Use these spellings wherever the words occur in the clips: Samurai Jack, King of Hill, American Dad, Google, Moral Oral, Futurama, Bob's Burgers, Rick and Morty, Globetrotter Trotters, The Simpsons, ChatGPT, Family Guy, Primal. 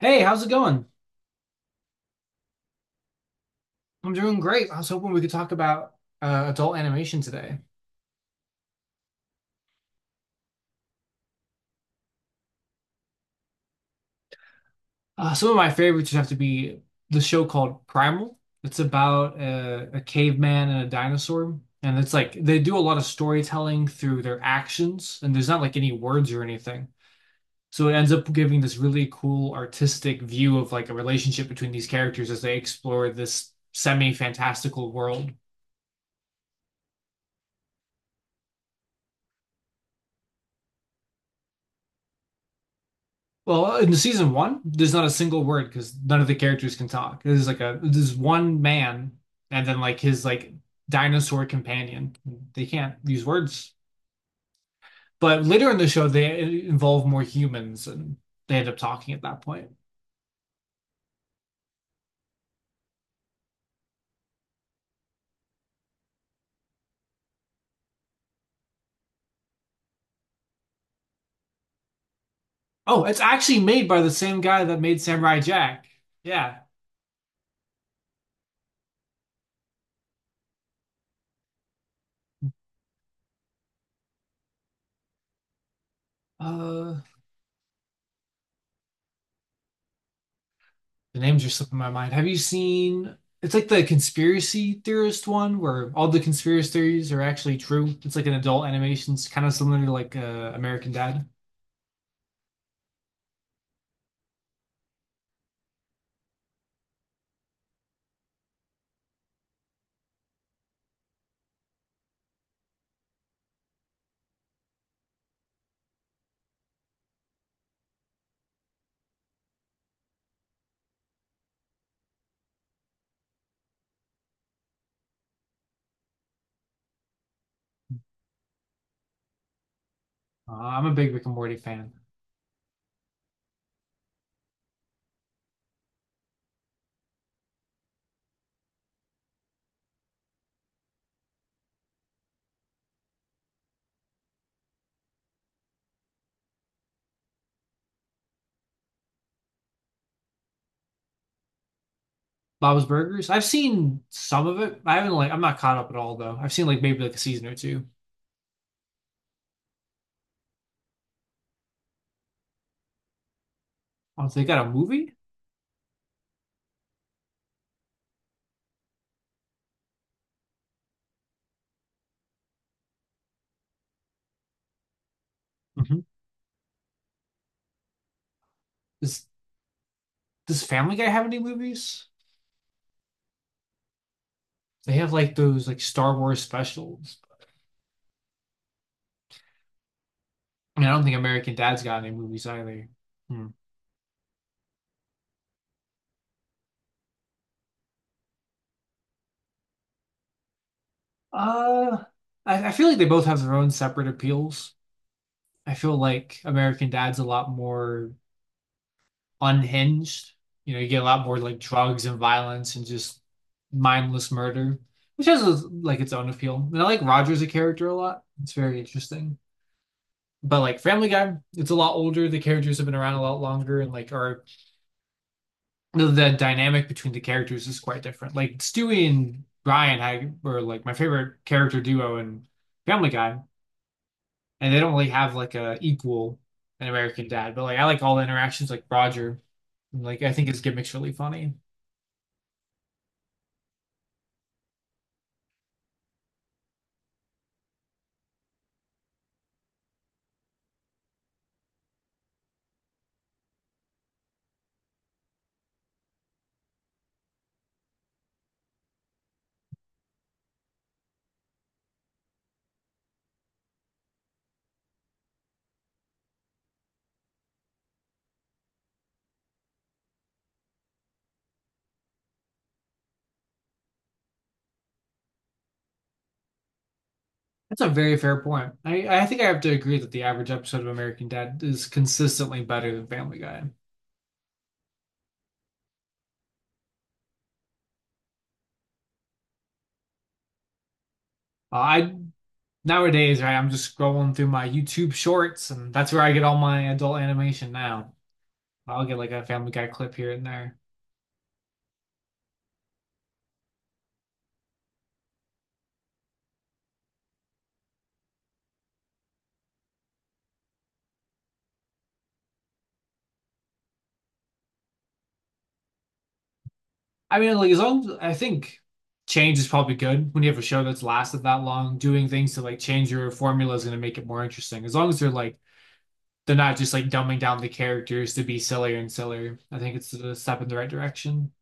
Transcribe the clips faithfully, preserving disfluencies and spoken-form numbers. Hey, how's it going? I'm doing great. I was hoping we could talk about uh, adult animation today. Uh, some of my favorites would have to be the show called Primal. It's about a, a caveman and a dinosaur. And it's like they do a lot of storytelling through their actions, and there's not like any words or anything. So it ends up giving this really cool artistic view of like a relationship between these characters as they explore this semi-fantastical world. Well, in season one, there's not a single word because none of the characters can talk. There's like a there's one man and then like his like dinosaur companion. They can't use words. But later in the show, they involve more humans and they end up talking at that point. Oh, it's actually made by the same guy that made Samurai Jack. Yeah. Uh, The names are slipping my mind. Have you seen? It's like the conspiracy theorist one where all the conspiracy theories are actually true. It's like an adult animation. It's kind of similar to like uh, American Dad. Uh, I'm a big Rick and Morty fan. Bob's Burgers. I've seen some of it. I haven't like I'm not caught up at all though. I've seen like maybe like a season or two. Oh, they got a movie? hmm Does does Family Guy have any movies? They have like those like Star Wars specials. And I don't think American Dad's got any movies either. Hmm. Uh, I, I feel like they both have their own separate appeals. I feel like American Dad's a lot more unhinged. You know, you get a lot more like drugs and violence and just mindless murder, which has like its own appeal. And I like Roger as a character a lot. It's very interesting. But like Family Guy, it's a lot older. The characters have been around a lot longer and like are the, the dynamic between the characters is quite different. Like Stewie and Ryan had, were like my favorite character duo in Family Guy, and they don't really have like a equal in American Dad. But like I like all the interactions, like Roger, like I think his gimmick's really funny. That's a very fair point. I I think I have to agree that the average episode of American Dad is consistently better than Family Guy. Uh, I Nowadays right, I'm just scrolling through my YouTube shorts, and that's where I get all my adult animation now. I'll get like a Family Guy clip here and there. I mean, like as long I think change is probably good when you have a show that's lasted that long. Doing things to like change your formula is going to make it more interesting. As long as they're like they're not just like dumbing down the characters to be sillier and sillier. I think it's a step in the right direction.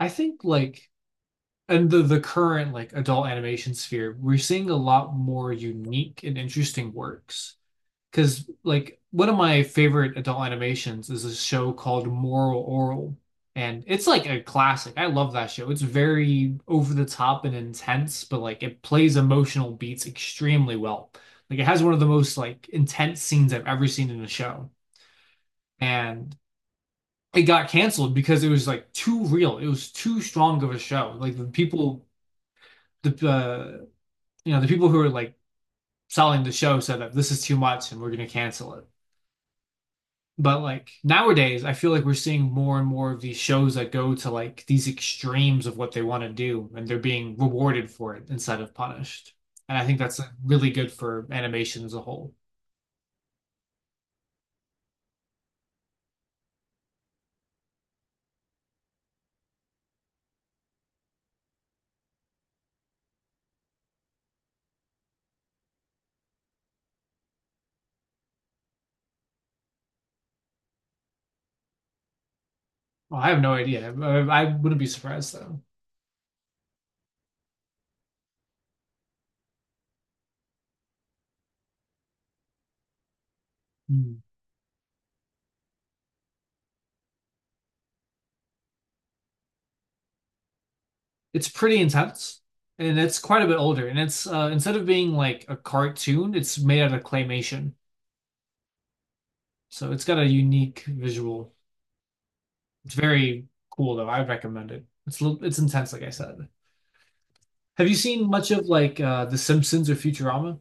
I think like and the the current like adult animation sphere, we're seeing a lot more unique and interesting works. Because like one of my favorite adult animations is a show called Moral Oral, and it's like a classic. I love that show. It's very over the top and intense, but like it plays emotional beats extremely well. Like it has one of the most like intense scenes I've ever seen in a show, and it got canceled because it was like too real. It was too strong of a show. Like the people, the uh, you know, the people who were like selling the show said that this is too much and we're gonna cancel it. But like nowadays, I feel like we're seeing more and more of these shows that go to like these extremes of what they want to do, and they're being rewarded for it instead of punished. And I think that's like really good for animation as a whole. Well, I have no idea. I, I wouldn't be surprised though. Hmm. It's pretty intense, and it's quite a bit older. And it's uh, instead of being like a cartoon, it's made out of claymation, so it's got a unique visual. It's very cool though. I recommend it. It's a little, it's intense, like I said. Have you seen much of like uh The Simpsons or Futurama?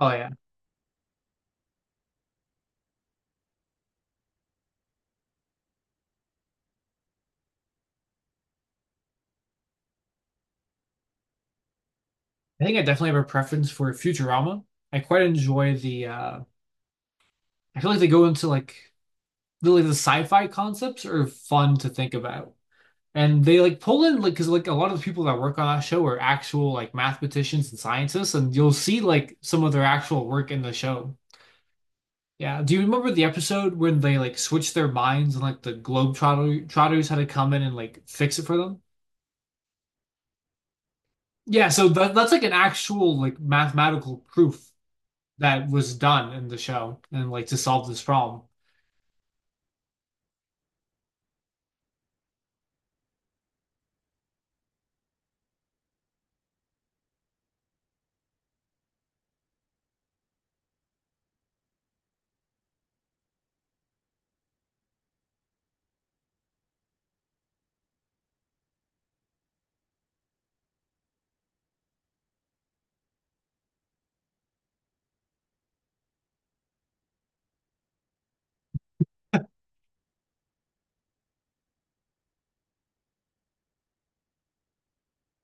Oh yeah. I think I definitely have a preference for Futurama. I quite enjoy the uh I feel like they go into like really the sci-fi concepts are fun to think about. And they like pull in like because like a lot of the people that work on that show are actual like mathematicians and scientists, and you'll see like some of their actual work in the show. Yeah. Do you remember the episode when they like switched their minds and like the Globetrotter Trotters had to come in and like fix it for them? Yeah, so that, that's like an actual like mathematical proof that was done in the show and like to solve this problem.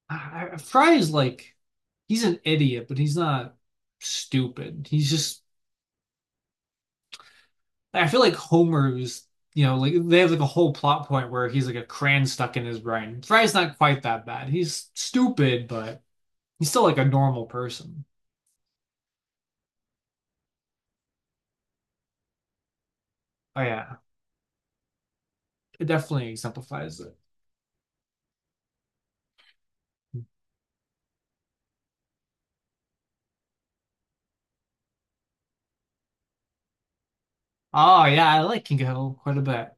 I, I, Fry is like he's an idiot, but he's not stupid. He's just I feel like Homer is you know like they have like a whole plot point where he's like a crayon stuck in his brain. Fry's not quite that bad. He's stupid, but he's still like a normal person. Oh yeah, it definitely exemplifies it. Oh yeah, I like King of Hill quite a bit.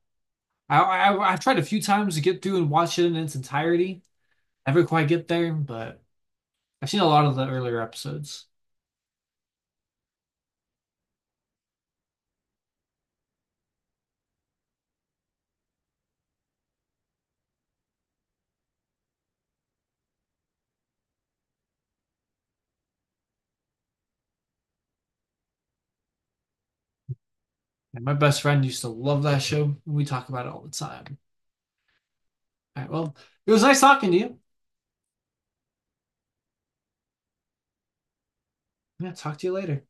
I, I I've tried a few times to get through and watch it in its entirety. Never quite get there, but I've seen a lot of the earlier episodes. And my best friend used to love that show, and we talk about it all the time. All right, well, it was nice talking to you. Yeah, talk to you later.